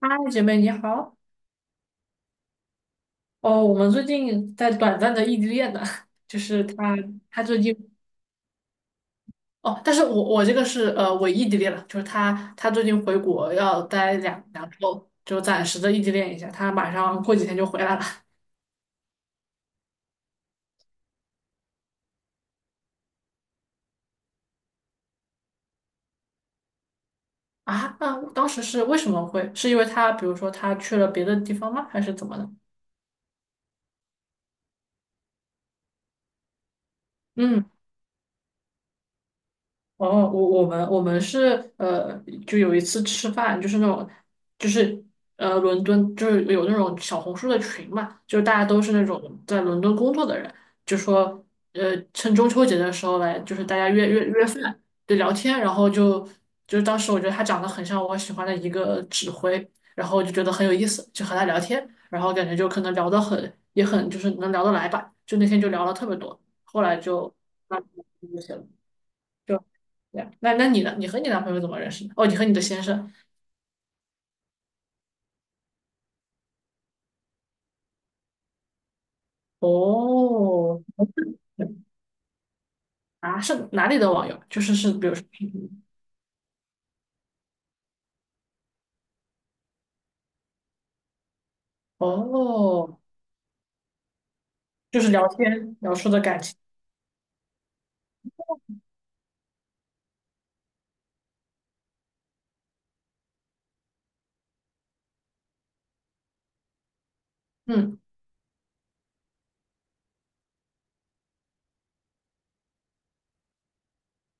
嗨，姐妹你好。哦，我们最近在短暂的异地恋呢，就是他最近哦，但是我这个是伪异地恋了，就是他最近回国要待两周，就暂时的异地恋一下，他马上过几天就回来了。啊，那当时是为什么会？是因为他比如说他去了别的地方吗？还是怎么的？嗯。哦，我们是就有一次吃饭，就是那种，就是伦敦就是有那种小红书的群嘛，就大家都是那种在伦敦工作的人，就说趁中秋节的时候来，就是大家约饭，对，聊天，然后就当时我觉得他长得很像我喜欢的一个指挥，然后就觉得很有意思，就和他聊天，然后感觉就可能聊得很也很就是能聊得来吧，就那天就聊了特别多，后来就那就了。就，对啊，那你呢？你和你男朋友怎么认识的？哦，你和你的先生。哦，嗯啊，是哪里的网友？就是比如说，哦，就是聊天聊出的感情。嗯，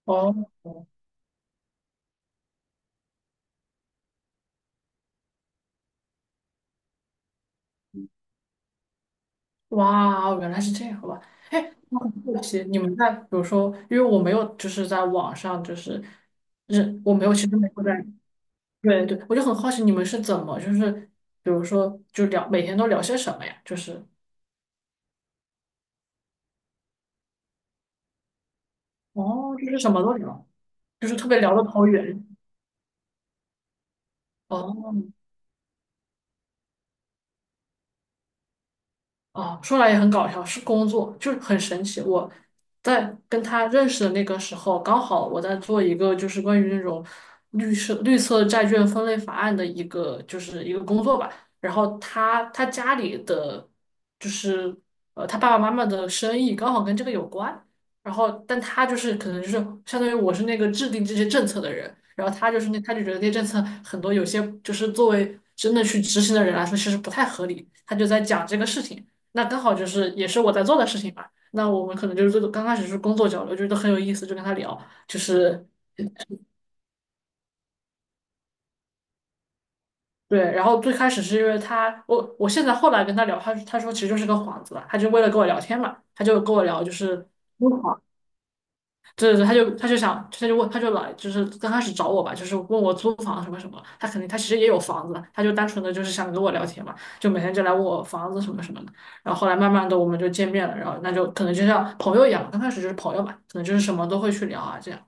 哦，哇哦，原来是这样，好吧？哎，我很好奇，你们在比如说，因为我没有就是在网上就是认，我没有，其实没有在，对对，我就很好奇你们是怎么就是，比如说就聊每天都聊些什么呀？就是哦，就是什么都聊。就是特别聊得投缘哦，哦，说来也很搞笑，是工作，就是很神奇。我在跟他认识的那个时候，刚好我在做一个就是关于那种绿色债券分类法案的一个就是一个工作吧。然后他家里的就是他爸爸妈妈的生意刚好跟这个有关。然后但他就是可能就是相当于我是那个制定这些政策的人，然后他就是那他就觉得那些政策很多有些就是作为真的去执行的人来说，其实不太合理。他就在讲这个事情。那刚好就是也是我在做的事情嘛。那我们可能就是最刚开始是工作交流，觉得很有意思，就跟他聊，就是对。然后最开始是因为他，我现在后来跟他聊，他说其实就是个幌子吧，他就为了跟我聊天嘛，他就跟我聊就是。对对对，他就想，他就问，他就来，就是刚开始找我吧，就是问我租房什么什么。他肯定他其实也有房子，他就单纯的就是想跟我聊天嘛，就每天就来问我房子什么什么的。然后后来慢慢的我们就见面了，然后那就可能就像朋友一样，刚开始就是朋友嘛，可能就是什么都会去聊啊这样。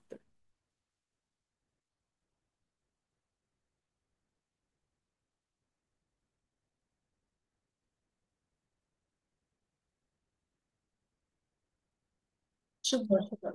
是的，是的。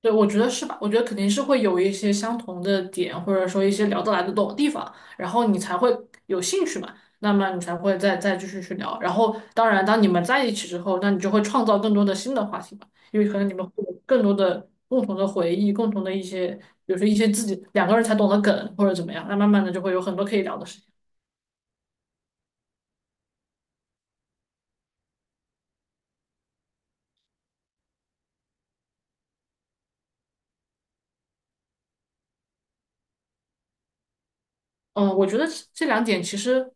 对，我觉得是吧？我觉得肯定是会有一些相同的点，或者说一些聊得来的懂的地方，然后你才会有兴趣嘛，那么你才会再继续去聊。然后，当然，当你们在一起之后，那你就会创造更多的新的话题嘛，因为可能你们会有更多的共同的回忆，共同的一些，比如说一些自己两个人才懂得梗或者怎么样，那慢慢的就会有很多可以聊的事情。嗯，我觉得这两点其实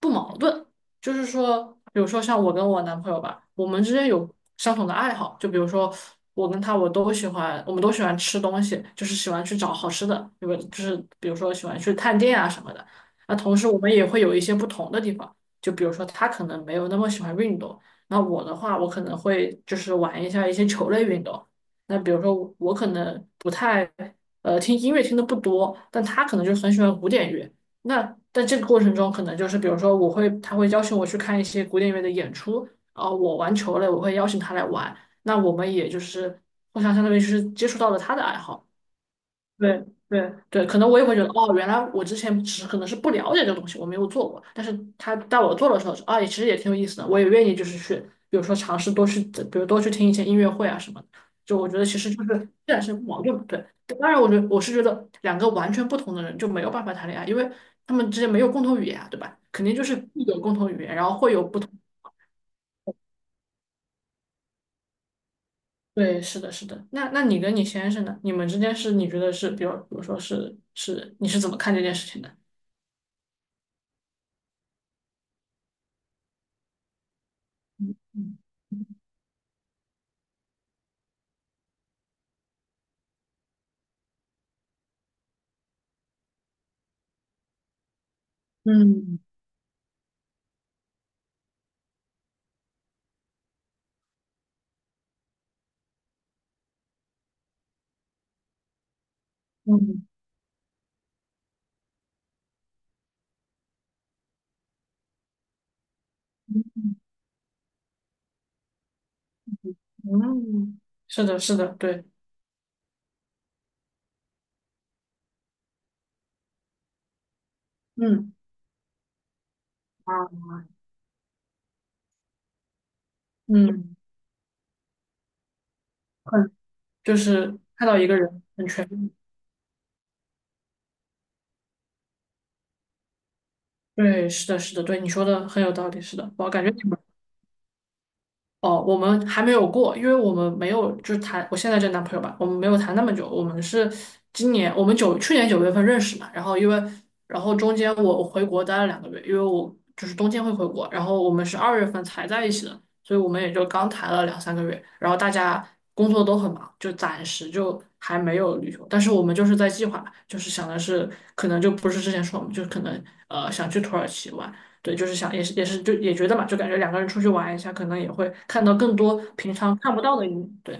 不矛盾，就是说，比如说像我跟我男朋友吧，我们之间有相同的爱好，就比如说我跟他，我都喜欢，我们都喜欢吃东西，就是喜欢去找好吃的，对吧？就是比如说喜欢去探店啊什么的。那同时我们也会有一些不同的地方，就比如说他可能没有那么喜欢运动，那我的话，我可能会就是玩一下一些球类运动。那比如说我可能不太听音乐听的不多，但他可能就很喜欢古典乐。那在这个过程中，可能就是比如说，我会他会邀请我去看一些古典乐的演出，啊，我玩球类，我会邀请他来玩。那我们也就是互相相当于是接触到了他的爱好。对对对，可能我也会觉得，哦，原来我之前只是可能是不了解这个东西，我没有做过。但是他带我做的时候，啊，也其实也挺有意思的，我也愿意就是去，比如说尝试多去，比如多去听一些音乐会啊什么的。就我觉得其实就是这两是不矛盾嘛对，当然我觉得我是觉得两个完全不同的人就没有办法谈恋爱，因为他们之间没有共同语言啊，对吧？肯定就是必有共同语言，然后会有不同。对，是的，是的。那你跟你先生呢？你们之间是你觉得是，比如说是，你是怎么看这件事情的？嗯嗯嗯，是的，是的，对，嗯啊，嗯，很就是看到一个人很全面，对，是的，是的，对，你说的很有道理，是的，我感觉。哦，我们还没有过，因为我们没有就是谈我现在这男朋友吧，我们没有谈那么久，我们是今年我们九去年九月份认识嘛，然后因为中间我回国待了两个月，因为我就是冬天会回国，然后我们是二月份才在一起的，所以我们也就刚谈了两三个月，然后大家工作都很忙，就暂时就还没有旅游，但是我们就是在计划，就是想的是可能就不是之前说我们就可能想去土耳其玩。对，就是想也是就也觉得嘛，就感觉两个人出去玩一下，可能也会看到更多平常看不到的一面对，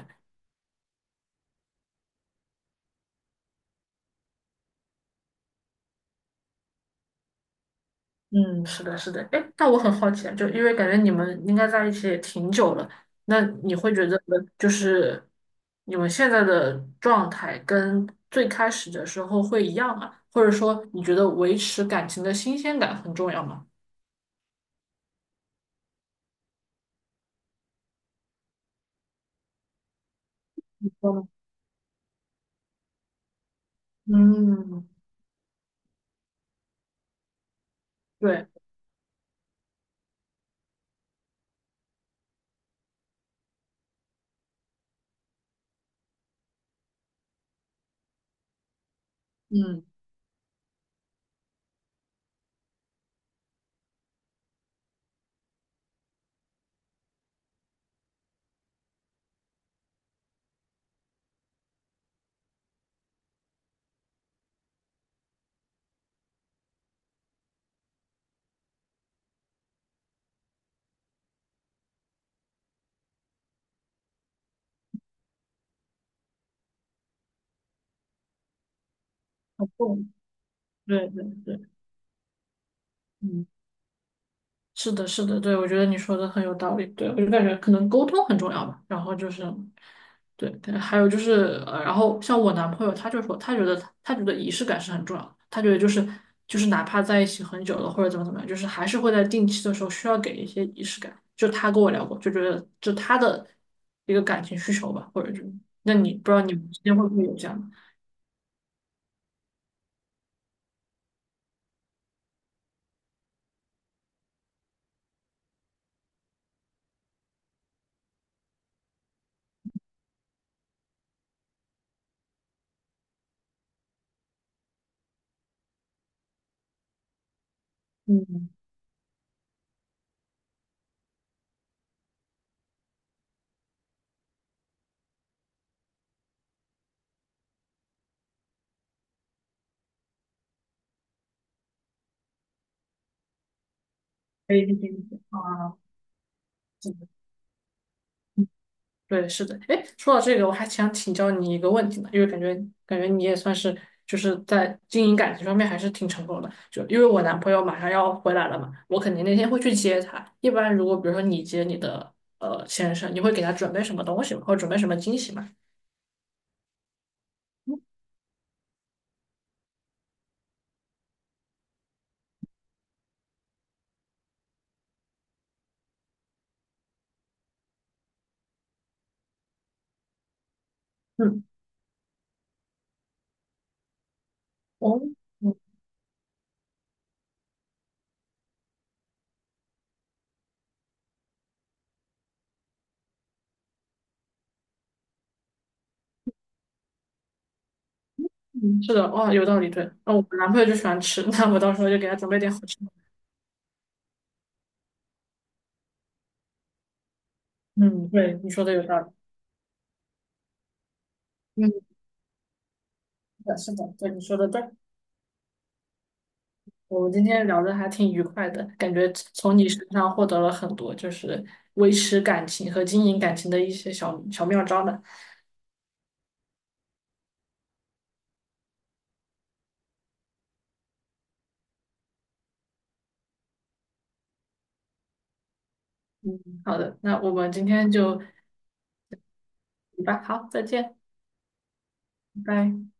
嗯，是的，是的。哎，那我很好奇啊，就因为感觉你们应该在一起也挺久了，那你会觉得就是你们现在的状态跟最开始的时候会一样吗？或者说你觉得维持感情的新鲜感很重要吗？嗯，嗯对，嗯，很重要对对对，嗯。是的，是的，对，我觉得你说的很有道理。对，我就感觉可能沟通很重要吧。然后就是，对，对还有就是，然后像我男朋友，他就说，他觉得仪式感是很重要的。他觉得就是哪怕在一起很久了或者怎么怎么样，就是还是会在定期的时候需要给一些仪式感。就他跟我聊过，就觉得就他的一个感情需求吧，或者就那你不知道你们之间会不会有这样的？嗯，可以去听一听啊。对，是的。哎，说到这个，我还想请教你一个问题呢，因为感觉你也算是就是在经营感情方面还是挺成功的。就因为我男朋友马上要回来了嘛，我肯定那天会去接他。一般如果比如说你接你的先生，你会给他准备什么东西吗？或者准备什么惊喜吗？嗯，哦，嗯，嗯是的，哇，有道理。对，那我男朋友就喜欢吃，那我到时候就给他准备点好吃的。嗯，对，你说的有道理。嗯，是的，是的，对，你说的对。我们今天聊的还挺愉快的，感觉从你身上获得了很多，就是维持感情和经营感情的一些小小妙招呢。嗯，好的，那我们今天就吧，好，再见，拜拜。